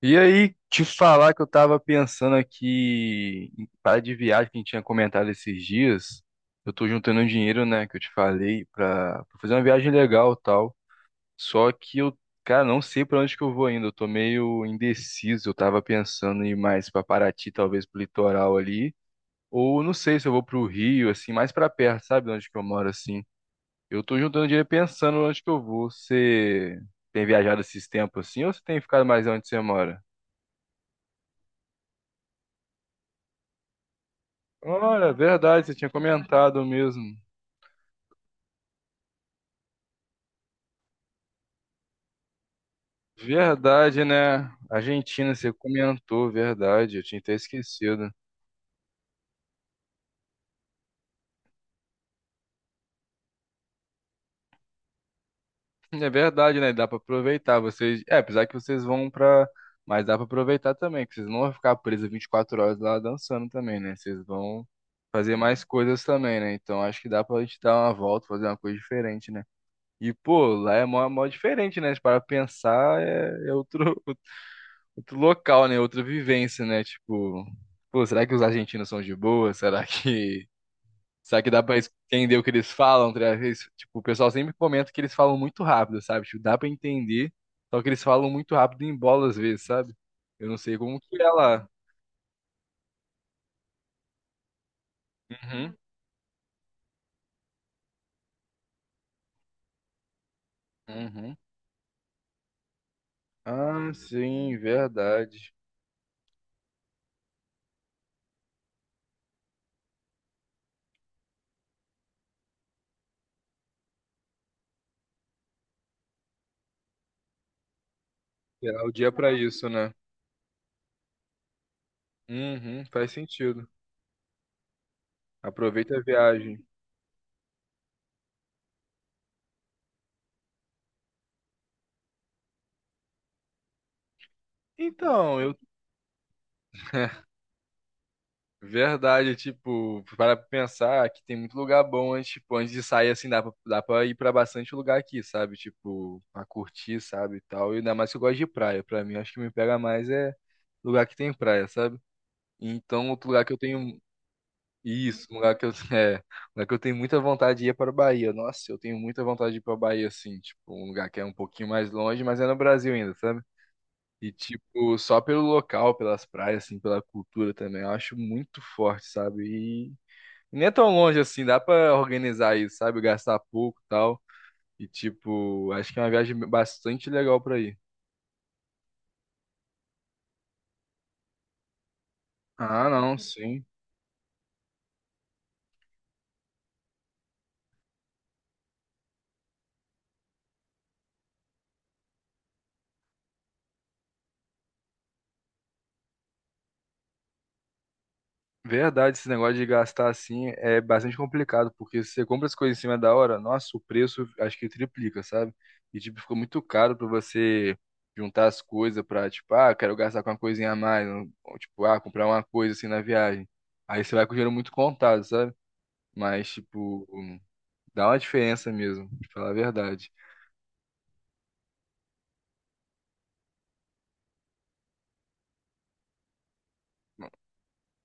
E aí, te falar que eu tava pensando aqui em parar de viagem que a gente tinha comentado esses dias. Eu tô juntando um dinheiro, né, que eu te falei, pra fazer uma viagem legal e tal. Só que eu, cara, não sei pra onde que eu vou ainda. Eu tô meio indeciso. Eu tava pensando em ir mais pra Paraty, talvez pro litoral ali. Ou não sei se eu vou pro Rio, assim, mais pra perto, sabe, de onde que eu moro, assim. Eu tô juntando dinheiro pensando onde que eu vou. Você tem viajado esses tempos assim ou você tem ficado mais onde você mora? Olha, verdade, você tinha comentado mesmo. Verdade, né? Argentina, você comentou, verdade. Eu tinha até esquecido. É verdade, né? Dá pra aproveitar. Vocês, é, apesar que vocês vão pra. Mas dá pra aproveitar também, que vocês não vão ficar presos 24 horas lá dançando também, né? Vocês vão fazer mais coisas também, né? Então acho que dá pra gente dar uma volta, fazer uma coisa diferente, né? E, pô, lá é mó, mó diferente, né? Se parar pra pensar, é outro, outro local, né? Outra vivência, né? Tipo, pô, será que os argentinos são de boa? Será que. Será que dá pra entender o que eles falam? Tá ligado? Tipo, o pessoal sempre comenta que eles falam muito rápido, sabe? Tipo, dá pra entender, só que eles falam muito rápido em bola às vezes, sabe? Eu não sei como que é lá. Uhum, uhum. Ah, sim, verdade. Será o dia pra isso, né? Uhum, faz sentido. Aproveita a viagem. Então, eu verdade, tipo, para pensar que tem muito lugar bom antes, tipo, antes de sair assim, dá pra ir pra bastante lugar aqui, sabe? Tipo, pra curtir, sabe, e tal. E ainda mais que eu gosto de praia. Pra mim, acho que me pega mais é lugar que tem praia, sabe? Então, outro lugar que eu tenho. Isso, um lugar que eu, é, um lugar que eu tenho muita vontade de ir é para Bahia. Nossa, eu tenho muita vontade de ir para Bahia, assim, tipo, um lugar que é um pouquinho mais longe, mas é no Brasil ainda, sabe? E, tipo, só pelo local, pelas praias, assim, pela cultura também, eu acho muito forte, sabe? Nem é tão longe assim, dá pra organizar isso, sabe? Gastar pouco e tal. E, tipo, acho que é uma viagem bastante legal pra ir. Ah, não, sim. Verdade, esse negócio de gastar assim é bastante complicado, porque se você compra as coisas em cima da hora, nossa, o preço acho que triplica, sabe? E, tipo, ficou muito caro pra você juntar as coisas pra, tipo, ah, quero gastar com uma coisinha a mais, ou, tipo, ah, comprar uma coisa assim na viagem. Aí você vai com o dinheiro muito contado, sabe? Mas, tipo, dá uma diferença mesmo, pra falar a verdade.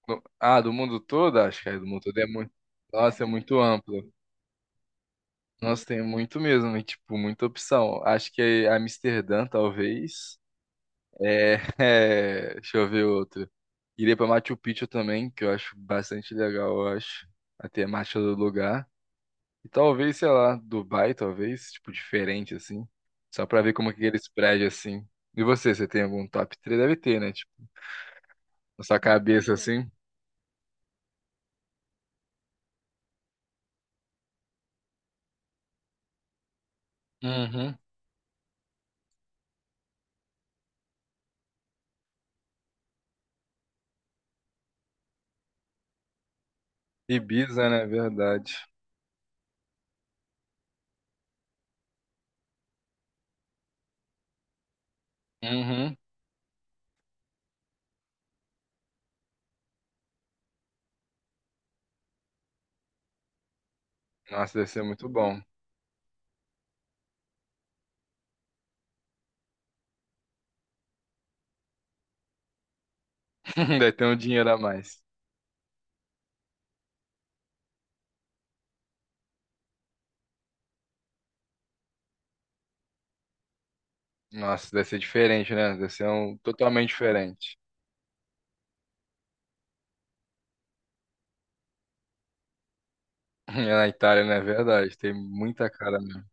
Ah, do mundo todo? Acho que é do mundo todo é muito. Nossa, é muito amplo. Nossa, tem muito mesmo, e, tipo, muita opção. Acho que é Amsterdã, talvez. É, é, deixa eu ver outro. Iria pra Machu Picchu também, que eu acho bastante legal, eu acho. A temática do lugar. E talvez, sei lá, Dubai, talvez, tipo, diferente, assim. Só pra ver como que eles prédios, assim. E você tem algum top 3? Deve ter, né? Tipo, na sua cabeça, assim. Uhum. Ibiza, né? Verdade. Uhum. Nossa, deve ser muito bom. Deve ter um dinheiro a mais. Nossa, deve ser diferente, né? Deve ser um totalmente diferente. É na Itália, né é verdade? Tem muita cara mesmo.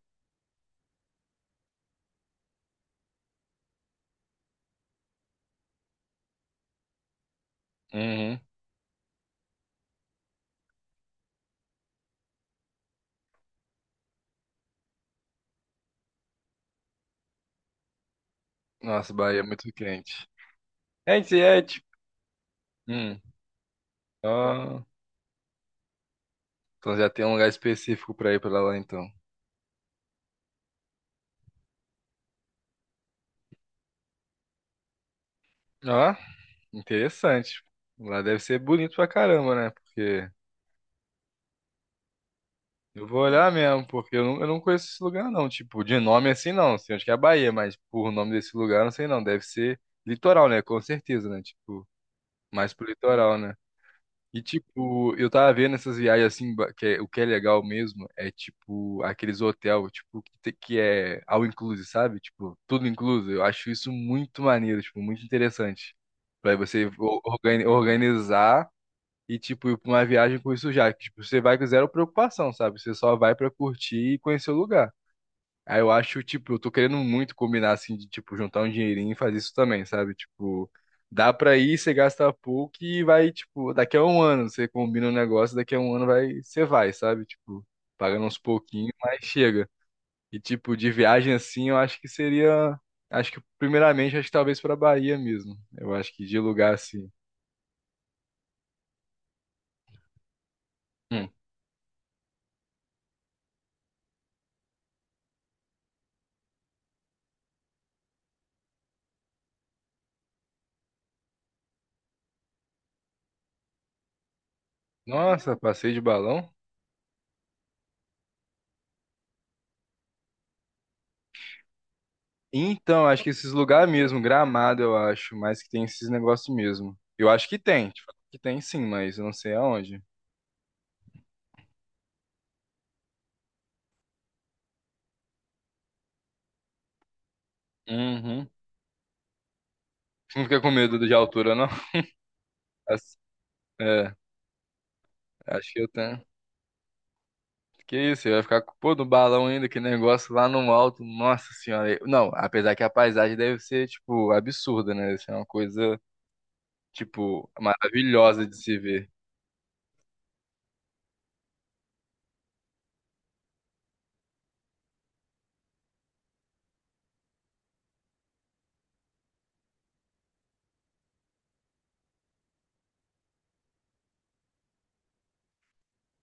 Uhum. Nossa, Bahia é muito quente. É, isso aí, é, tipo... Hum. Ó, então já tem um lugar específico pra ir pra lá, então. Ó, interessante. Lá deve ser bonito pra caramba, né? Porque eu vou olhar mesmo, porque eu não conheço esse lugar, não. Tipo, de nome assim, não. Sei onde que é a Bahia, mas por nome desse lugar, não sei não. Deve ser litoral, né? Com certeza, né? Tipo, mais pro litoral, né? E, tipo, eu tava vendo essas viagens assim, o que é legal mesmo é, tipo, aqueles hotel, tipo, que é all inclusive, sabe? Tipo, tudo incluso. Eu acho isso muito maneiro, tipo, muito interessante. Pra você organizar e, tipo, ir pra uma viagem com isso já. Que, tipo, você vai com zero preocupação, sabe? Você só vai pra curtir e conhecer o lugar. Aí eu acho, tipo, eu tô querendo muito combinar, assim, de, tipo, juntar um dinheirinho e fazer isso também, sabe? Tipo, dá pra ir, você gasta pouco e vai, tipo, daqui a um ano você combina um negócio, daqui a um ano vai, você vai, sabe? Tipo, pagando uns pouquinhos, mas chega. E, tipo, de viagem assim, eu acho que seria. Acho que, primeiramente, acho que talvez pra Bahia mesmo. Eu acho que de lugar assim. Hum. Nossa, passeio de balão? Então, acho que esses lugares mesmo, Gramado, eu acho, mas que tem esses negócios mesmo. Eu acho que tem, tipo, que tem sim, mas eu não sei aonde. Uhum. Você não fica com medo de altura, não? As- É, acho que eu tenho. Que isso, você vai ficar com pô, no balão ainda, que negócio lá no alto, nossa senhora. Não, apesar que a paisagem deve ser, tipo, absurda, né? Deve ser uma coisa, tipo, maravilhosa de se ver.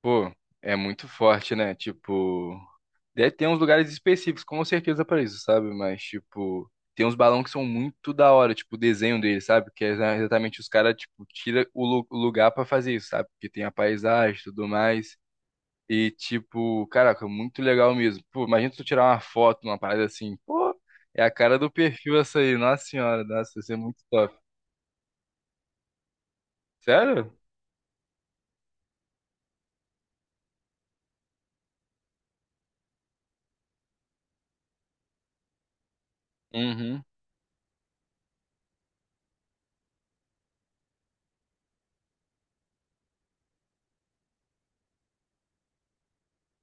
Pô, é muito forte, né? Tipo. Deve ter uns lugares específicos, com certeza, pra isso, sabe? Mas, tipo, tem uns balões que são muito da hora, tipo, o desenho deles, sabe? Que é exatamente os caras, tipo, tira o lugar pra fazer isso, sabe? Porque tem a paisagem e tudo mais. E, tipo, caraca, muito legal mesmo. Pô, imagina tu tirar uma foto, uma parada assim. Pô, é a cara do perfil essa aí, nossa senhora, nossa, isso é muito top. Sério? Uhum.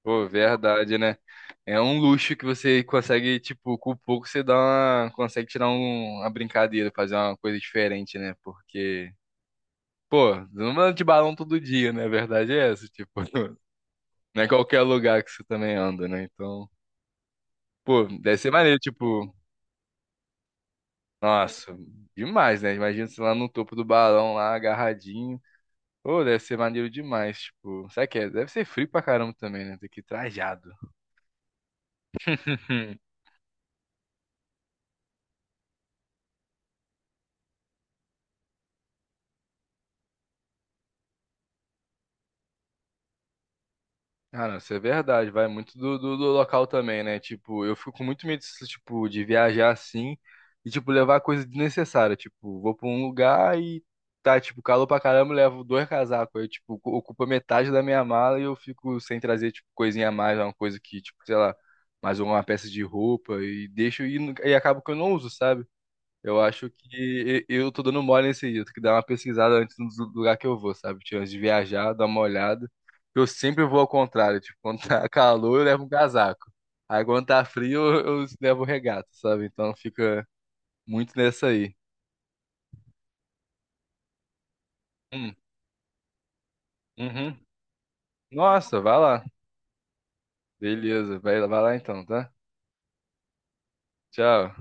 Pô, verdade, né? É um luxo que você consegue, tipo, com pouco você dá uma, consegue uma brincadeira, fazer uma coisa diferente, né? Porque, pô, você não anda de balão todo dia, né? A verdade é essa, tipo, não é qualquer lugar que você também anda, né? Então, pô, deve ser maneiro, tipo, nossa, demais, né? Imagina você lá no topo do balão, lá agarradinho. Pô, deve ser maneiro demais, tipo, sabe que é? Deve ser frio pra caramba também, né? Tem que ir trajado. Ah, não, isso é verdade, vai muito do local também, né? Tipo, eu fico com muito medo, tipo, de viajar assim e, tipo, levar coisa desnecessária. Tipo, vou pra um lugar e tá, tipo, calor pra caramba, eu levo dois casacos. Aí, tipo, ocupa metade da minha mala e eu fico sem trazer, tipo, coisinha a mais, uma coisa que, tipo, sei lá, mais uma peça de roupa e deixo e, e acabo que eu não uso, sabe? Eu acho que eu tô dando mole nesse dia. Eu tenho que dar uma pesquisada antes do lugar que eu vou, sabe? Tipo, antes de viajar, dar uma olhada. Eu sempre vou ao contrário. Tipo, quando tá calor, eu levo um casaco. Aí quando tá frio, eu levo regata, sabe? Então fica muito nessa aí. Hum, uhum. Nossa, vai lá. Beleza, vai, vai lá então, tá? Tchau.